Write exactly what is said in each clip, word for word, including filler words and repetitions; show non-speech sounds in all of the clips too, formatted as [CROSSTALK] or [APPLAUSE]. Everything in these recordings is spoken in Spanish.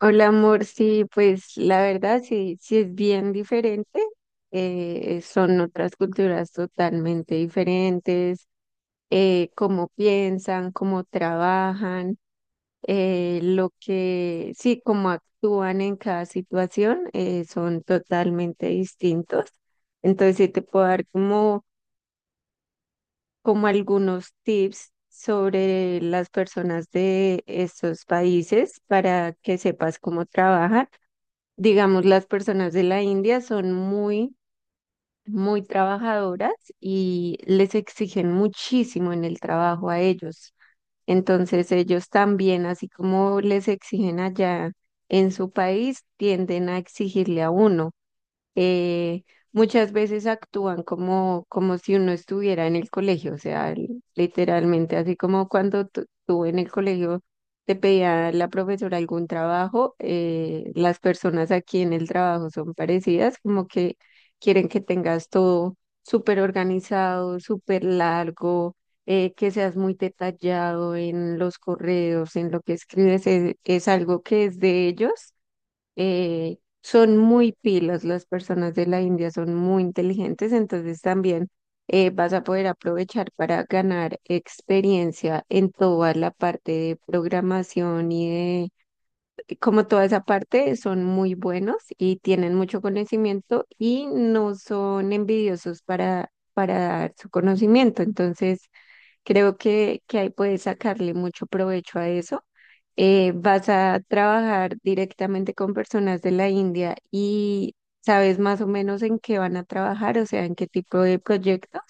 Hola amor, sí, pues la verdad sí, sí es bien diferente. Eh, son otras culturas totalmente diferentes, eh, cómo piensan, cómo trabajan, eh, lo que, sí, cómo actúan en cada situación, eh, son totalmente distintos. Entonces sí te puedo dar como, como algunos tips sobre las personas de estos países para que sepas cómo trabajan. Digamos, las personas de la India son muy, muy trabajadoras y les exigen muchísimo en el trabajo a ellos. Entonces, ellos también, así como les exigen allá en su país, tienden a exigirle a uno. eh, Muchas veces actúan como, como si uno estuviera en el colegio, o sea, l- literalmente, así como cuando tu- tú en el colegio te pedía la profesora algún trabajo, eh, las personas aquí en el trabajo son parecidas, como que quieren que tengas todo súper organizado, súper largo. Eh, que seas muy detallado en los correos, en lo que escribes, es es algo que es de ellos. Eh, son muy pilas, las personas de la India son muy inteligentes, entonces también eh, vas a poder aprovechar para ganar experiencia en toda la parte de programación y de, como toda esa parte, son muy buenos y tienen mucho conocimiento y no son envidiosos para, para dar su conocimiento, entonces... Creo que, que ahí puedes sacarle mucho provecho a eso. Eh, vas a trabajar directamente con personas de la India y sabes más o menos en qué van a trabajar, o sea, en qué tipo de proyectos.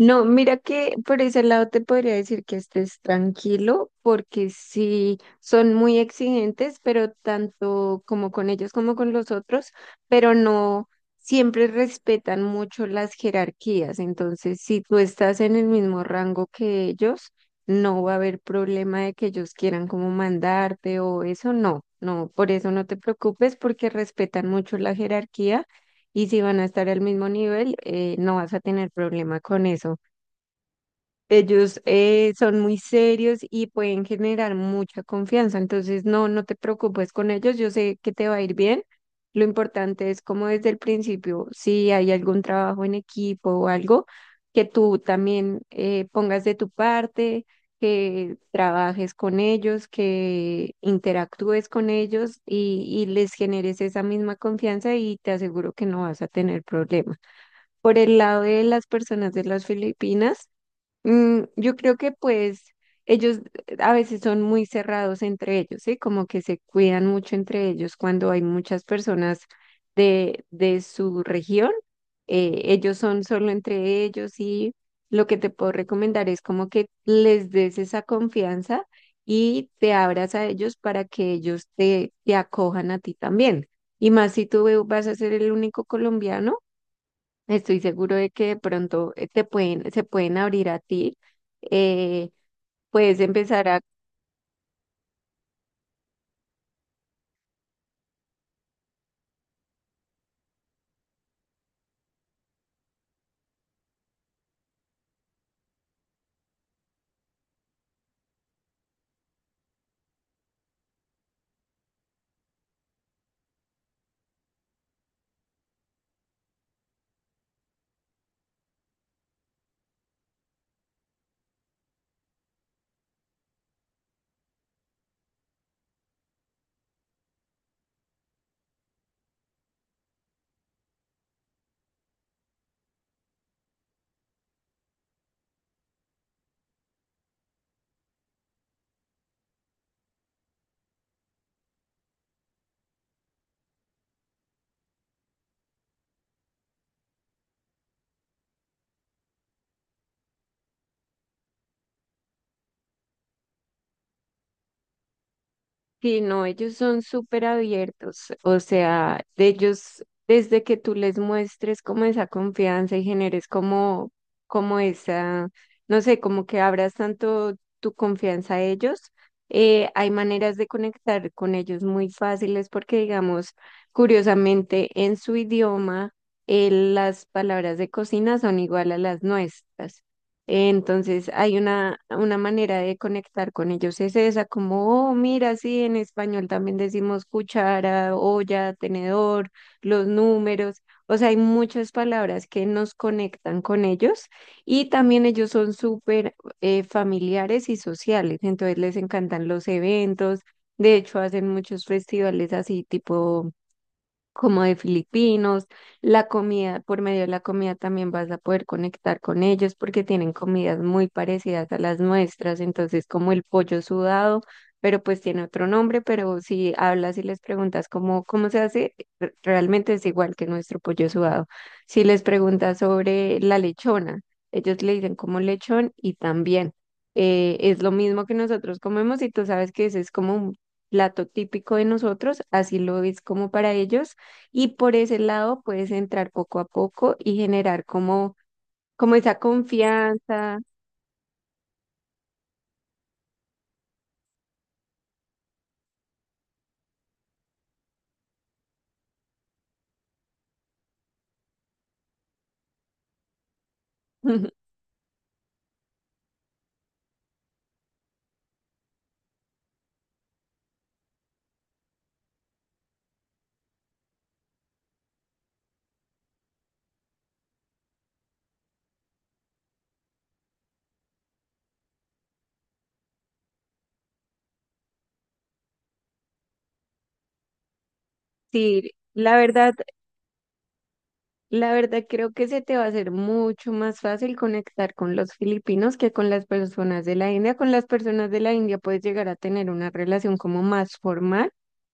No, mira que por ese lado te podría decir que estés tranquilo, porque sí son muy exigentes, pero tanto como con ellos como con los otros, pero no siempre respetan mucho las jerarquías. Entonces, si tú estás en el mismo rango que ellos, no va a haber problema de que ellos quieran como mandarte o eso, no. No, por eso no te preocupes porque respetan mucho la jerarquía y si van a estar al mismo nivel, eh, no vas a tener problema con eso. Ellos eh, son muy serios y pueden generar mucha confianza, entonces no, no te preocupes con ellos, yo sé que te va a ir bien. Lo importante es como desde el principio, si hay algún trabajo en equipo o algo, que tú también eh, pongas de tu parte, que trabajes con ellos, que interactúes con ellos y, y les generes esa misma confianza y te aseguro que no vas a tener problemas. Por el lado de las personas de las Filipinas, mm, yo creo que pues ellos eh, a veces son muy cerrados entre ellos, ¿sí? Como que se cuidan mucho entre ellos cuando hay muchas personas de, de su región. Eh, ellos son solo entre ellos y lo que te puedo recomendar es como que les des esa confianza y te abras a ellos para que ellos te, te acojan a ti también. Y más si tú vas a ser el único colombiano. Estoy seguro de que de pronto eh, te pueden, se pueden abrir a ti. eh, Puedes empezar. Sí, no, ellos son súper abiertos, o sea, de ellos, desde que tú les muestres como esa confianza y generes como, como esa, no sé, como que abras tanto tu confianza a ellos, eh, hay maneras de conectar con ellos muy fáciles porque, digamos, curiosamente, en su idioma, eh, las palabras de cocina son igual a las nuestras. Entonces hay una, una manera de conectar con ellos, es esa, como, oh, mira, sí, en español también decimos cuchara, olla, tenedor, los números, o sea, hay muchas palabras que nos conectan con ellos y también ellos son súper eh, familiares y sociales, entonces les encantan los eventos, de hecho hacen muchos festivales así tipo como de filipinos, la comida, por medio de la comida también vas a poder conectar con ellos porque tienen comidas muy parecidas a las nuestras, entonces como el pollo sudado, pero pues tiene otro nombre, pero si hablas y les preguntas cómo, cómo se hace, re- realmente es igual que nuestro pollo sudado. Si les preguntas sobre la lechona, ellos le dicen como lechón y también eh, es lo mismo que nosotros comemos y tú sabes que ese es como un plato típico de nosotros, así lo es como para ellos y por ese lado puedes entrar poco a poco y generar como, como esa confianza. [LAUGHS] Sí, la verdad, La verdad, creo que se te va a hacer mucho más fácil conectar con los filipinos que con las personas de la India. Con las personas de la India puedes llegar a tener una relación como más formal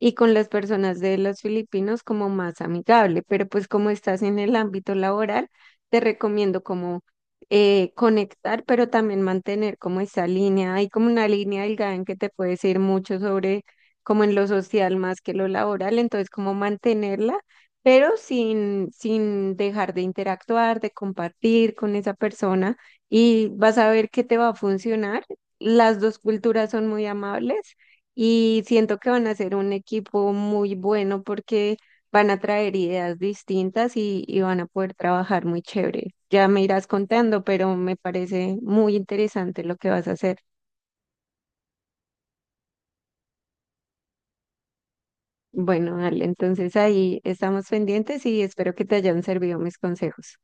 y con las personas de los filipinos como más amigable. Pero pues como estás en el ámbito laboral, te recomiendo como eh, conectar, pero también mantener como esa línea. Hay como una línea delgada en que te puedes ir mucho sobre como en lo social más que lo laboral. Entonces, como mantenerla pero sin, sin dejar de interactuar, de compartir con esa persona y vas a ver que te va a funcionar. Las dos culturas son muy amables y siento que van a ser un equipo muy bueno porque van a traer ideas distintas y, y van a poder trabajar muy chévere. Ya me irás contando, pero me parece muy interesante lo que vas a hacer. Bueno, Ale, entonces ahí estamos pendientes y espero que te hayan servido mis consejos.